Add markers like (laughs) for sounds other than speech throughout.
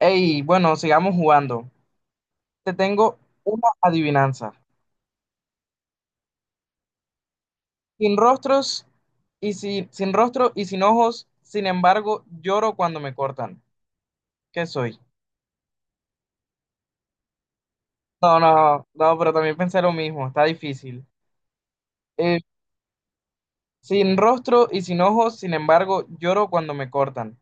Ey, bueno, sigamos jugando. Te tengo una adivinanza. Sin rostros y sin rostro y sin ojos, sin embargo, lloro cuando me cortan. ¿Qué soy? No, no, no, pero también pensé lo mismo, está difícil. Eh, Sin rostro y sin ojos, sin embargo, lloro cuando me cortan.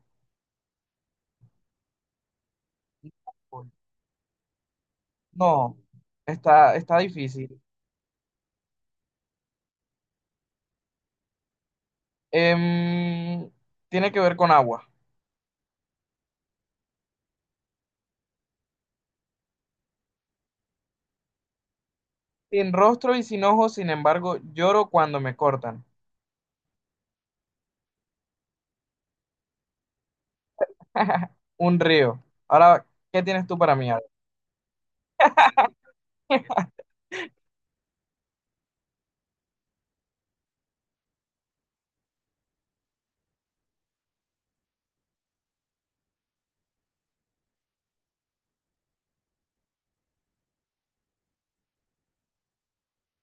No, está difícil. Em, Tiene que ver con agua. Sin rostro y sin ojos, sin embargo, lloro cuando me cortan. Un río. Ahora, ¿qué tienes tú para mí? ¿Ale?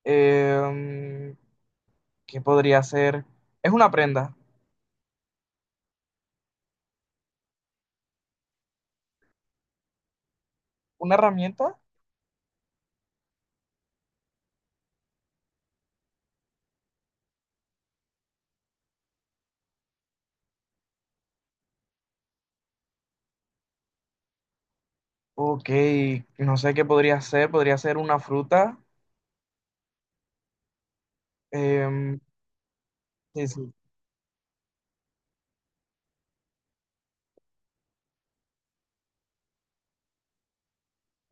Em, ¿Qué podría ser? Es una prenda. ¿Una herramienta? Ok, no sé qué podría ser. Podría ser una fruta. Em, sí, sí.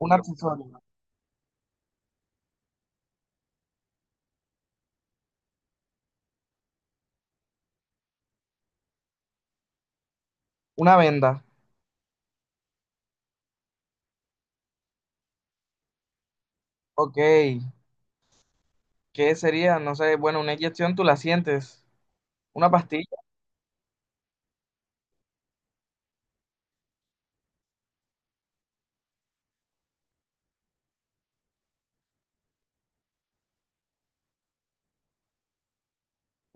Un accesorio. Una venda. Ok, ¿qué sería? No sé, bueno, una inyección tú la sientes. Una pastilla.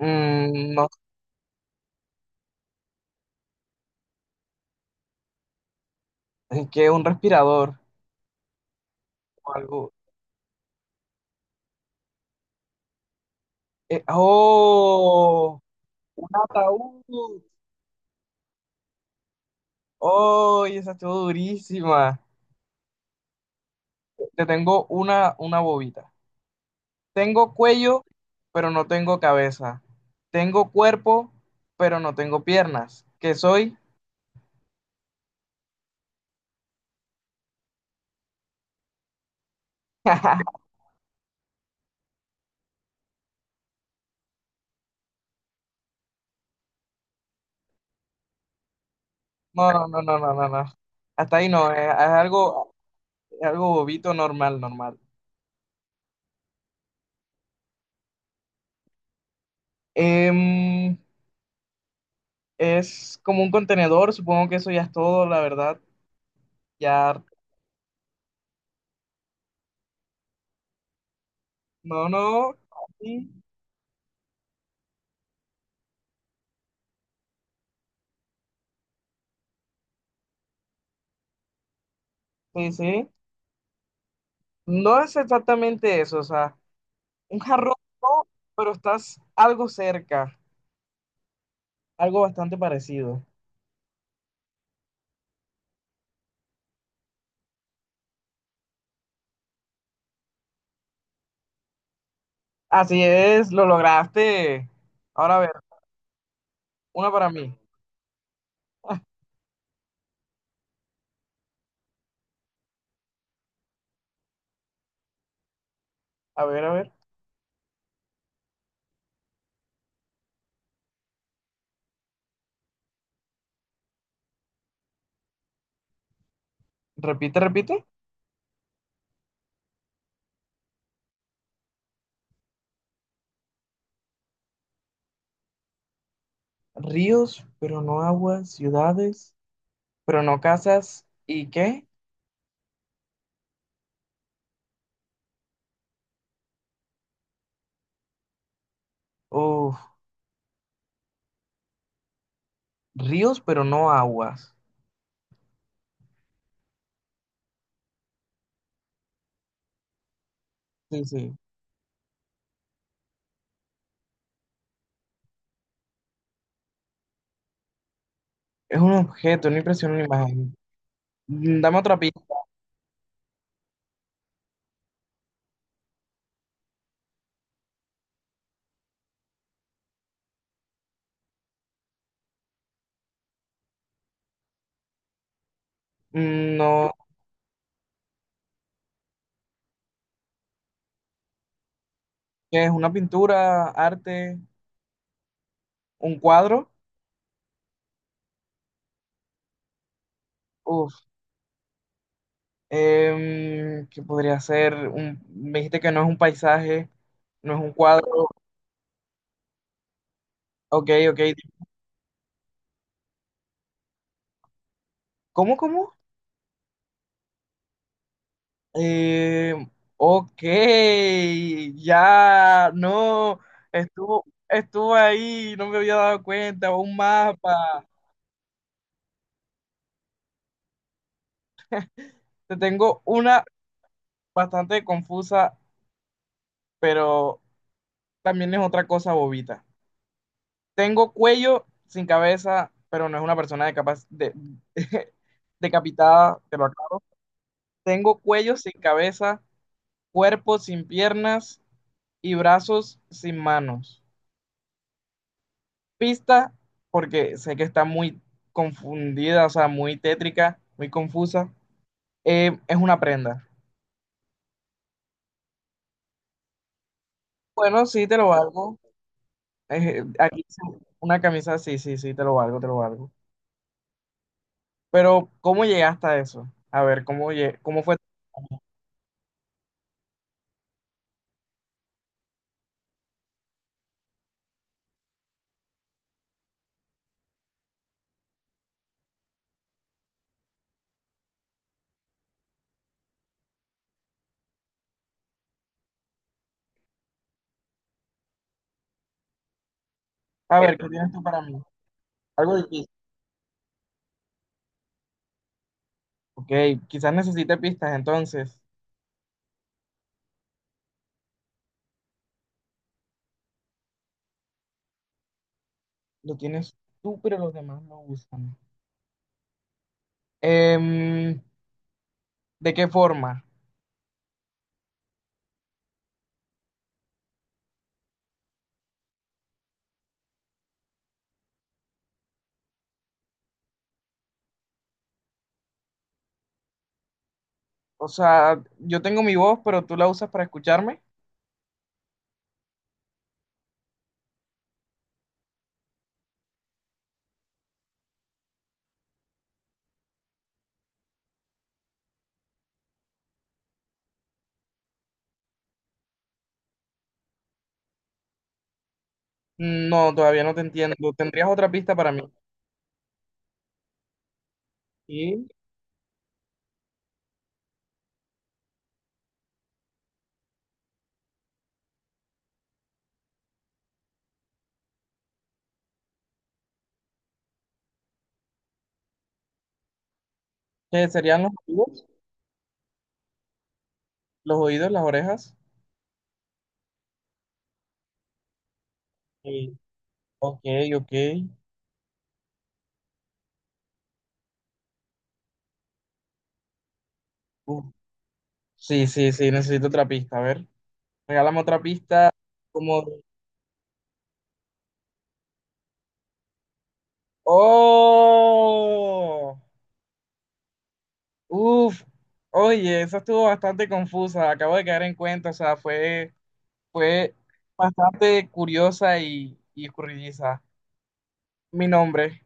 Mm, no sé, ¿qué? Un respirador o algo. ¡Oh! Un ataúd. ¡Oh! Y esa estuvo durísima. Te tengo una bobita. Tengo cuello, pero no tengo cabeza. Tengo cuerpo, pero no tengo piernas. ¿Qué soy? (laughs) No, no, no, no, no, no, no. Hasta ahí no, es algo bobito, normal, normal. Em, es como un contenedor, supongo que eso ya es todo, la verdad. Ya, no, no, sí, sí, sí. No es exactamente eso, o sea, un jarrón no, pero estás algo cerca, algo bastante parecido. Así es, lo lograste. Ahora a ver, una para mí. (laughs) A ver, a ver. Repite, repite. Ríos, pero no aguas, ciudades, pero no casas. ¿Y qué? Uf, ríos, pero no aguas. Sí, sí. Es un objeto, una impresión, una imagen. Mm, dame otra pista. Mm, no, ¿qué es? ¿Una pintura, arte, un cuadro? Uf, ¿qué podría ser? Un, me dijiste que no es un paisaje, no es un cuadro. Ok, ok. ¿Cómo, cómo? Eh, ok, ya, no, estuvo, estuvo ahí, no me había dado cuenta, un mapa. Te tengo una bastante confusa, pero también es otra cosa bobita. Tengo cuello sin cabeza, pero no es una persona de capaz de, (laughs) decapitada, te lo acabo. Tengo cuello sin cabeza, cuerpo sin piernas y brazos sin manos. Pista porque sé que está muy confundida, o sea, muy tétrica, muy confusa. Es una prenda. Bueno, sí, te lo valgo. Aquí dice una camisa, sí, sí, sí, te lo valgo, te lo valgo. Pero, ¿cómo llegaste a eso? A ver, ¿cómo, cómo fue? A ver, ¿qué tienes tú para mí? Algo difícil. Ok, quizás necesite pistas, entonces. Lo tienes tú, pero los demás no usan. Em, ¿De qué forma? O sea, yo tengo mi voz, pero tú la usas para escucharme. No, todavía no te entiendo. ¿Tendrías otra pista para mí? ¿Y qué serían los oídos? ¿Los oídos, las orejas? Sí. Ok, ok. Uf. Sí, sí, sí, necesito otra pista. A ver, regálame otra pista como... ¡Oh! Uf. Oye, eso estuvo bastante confusa. Acabo de caer en cuenta. O sea, fue, fue bastante curiosa y escurridiza. Mi nombre.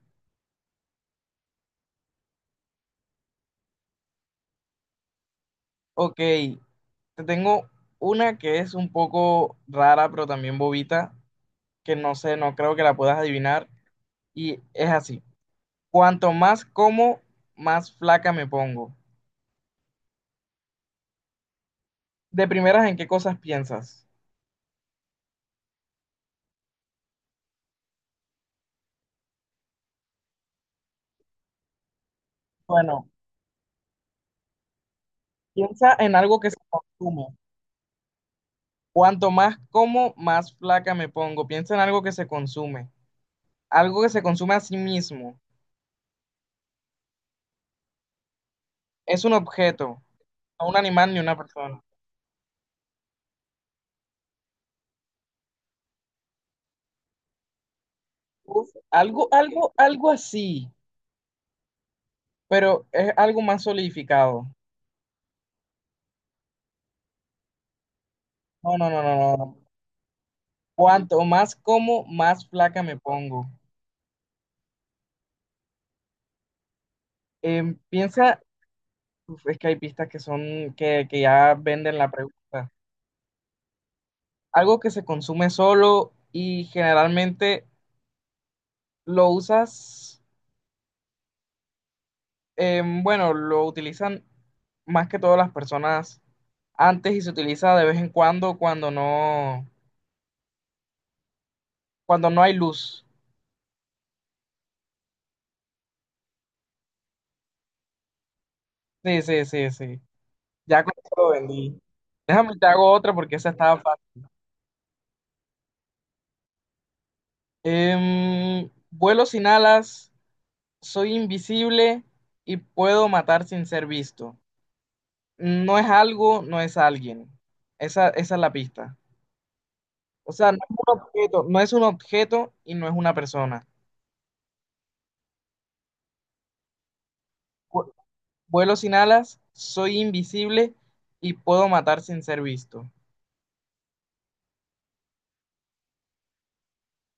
Ok. Te tengo una que es un poco rara, pero también bobita, que no sé, no creo que la puedas adivinar. Y es así. Cuanto más como, más flaca me pongo. De primeras, ¿en qué cosas piensas? Bueno, piensa en algo que se consume. Cuanto más como, más flaca me pongo. Piensa en algo que se consume. Algo que se consume a sí mismo. Es un objeto, no un animal ni una persona. Uf, algo, algo, algo así, pero es algo más solidificado. No, no, no, no, no. Cuanto más como, más flaca me pongo. Piensa, uf, es que hay pistas que son, que ya venden la pregunta. Algo que se consume solo y generalmente lo usas, bueno, lo utilizan más que todas las personas antes y se utiliza de vez en cuando cuando no hay luz. Sí, sí, sí, sí. Ya con eso lo vendí. Déjame te hago otra porque esa estaba fácil. Vuelo sin alas, soy invisible y puedo matar sin ser visto. No es algo, no es alguien. Esa es la pista. O sea, no es un objeto, no es un objeto y no es una persona. Vu- Vuelo sin alas, soy invisible y puedo matar sin ser visto.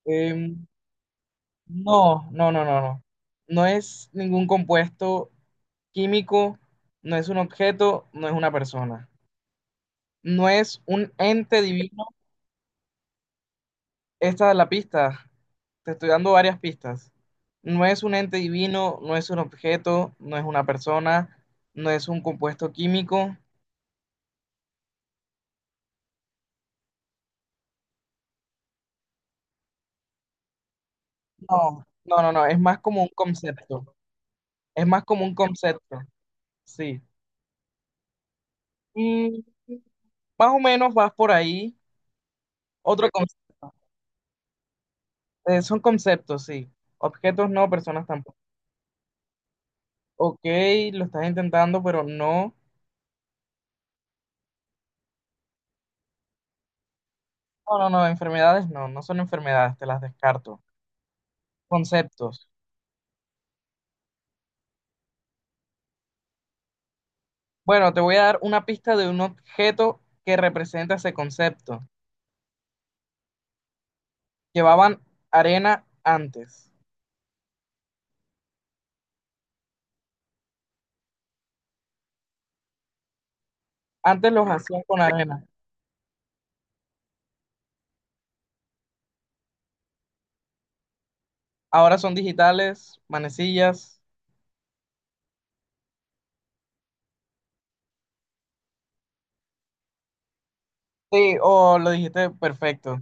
Em, no, no, no, no, no. No es ningún compuesto químico, no es un objeto, no es una persona. No es un ente divino. Esta es la pista. Te estoy dando varias pistas. No es un ente divino, no es un objeto, no es una persona, no es un compuesto químico. No, no, no, no. Es más como un concepto. Es más como un concepto. Sí. Mm, más o menos vas por ahí. Otro concepto. Son conceptos, sí. Objetos no, personas tampoco. Ok, lo estás intentando, pero no. No, no, no. Enfermedades no, no son enfermedades, te las descarto. Conceptos. Bueno, te voy a dar una pista de un objeto que representa ese concepto. Llevaban arena antes. Antes los hacían con arena. Ahora son digitales, manecillas. Sí, oh, lo dijiste perfecto.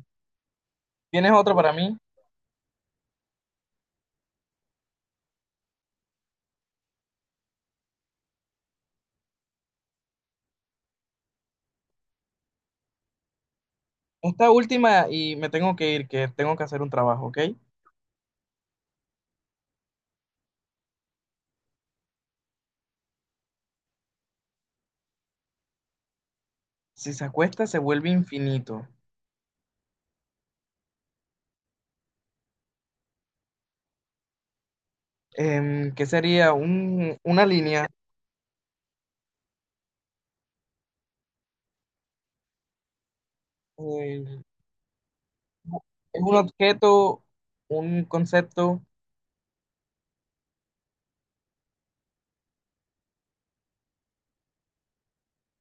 ¿Tienes otro para mí? Esta última y me tengo que ir, que tengo que hacer un trabajo, ¿ok? Si se acuesta, se vuelve infinito. ¿Qué sería? Una línea. Eh, es un objeto, un concepto,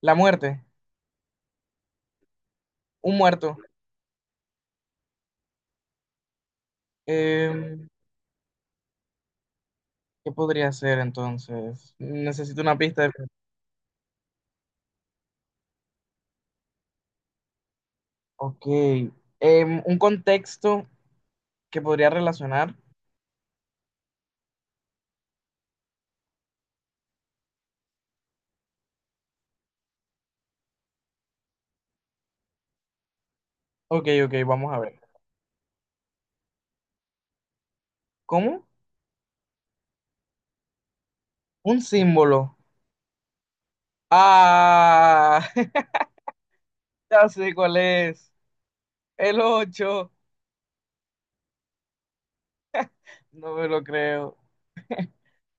la muerte, un muerto. Em, ¿Qué podría ser entonces? Necesito una pista de... Ok. Em, un contexto que podría relacionar. Ok, ok, vamos a ver. ¿Cómo? Un símbolo. Ah, (laughs) ya sé cuál es. El 8. No me lo creo.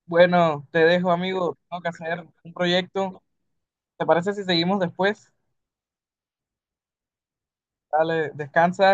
Bueno, te dejo, amigo. Tengo que hacer un proyecto. ¿Te parece si seguimos después? Dale, descansa.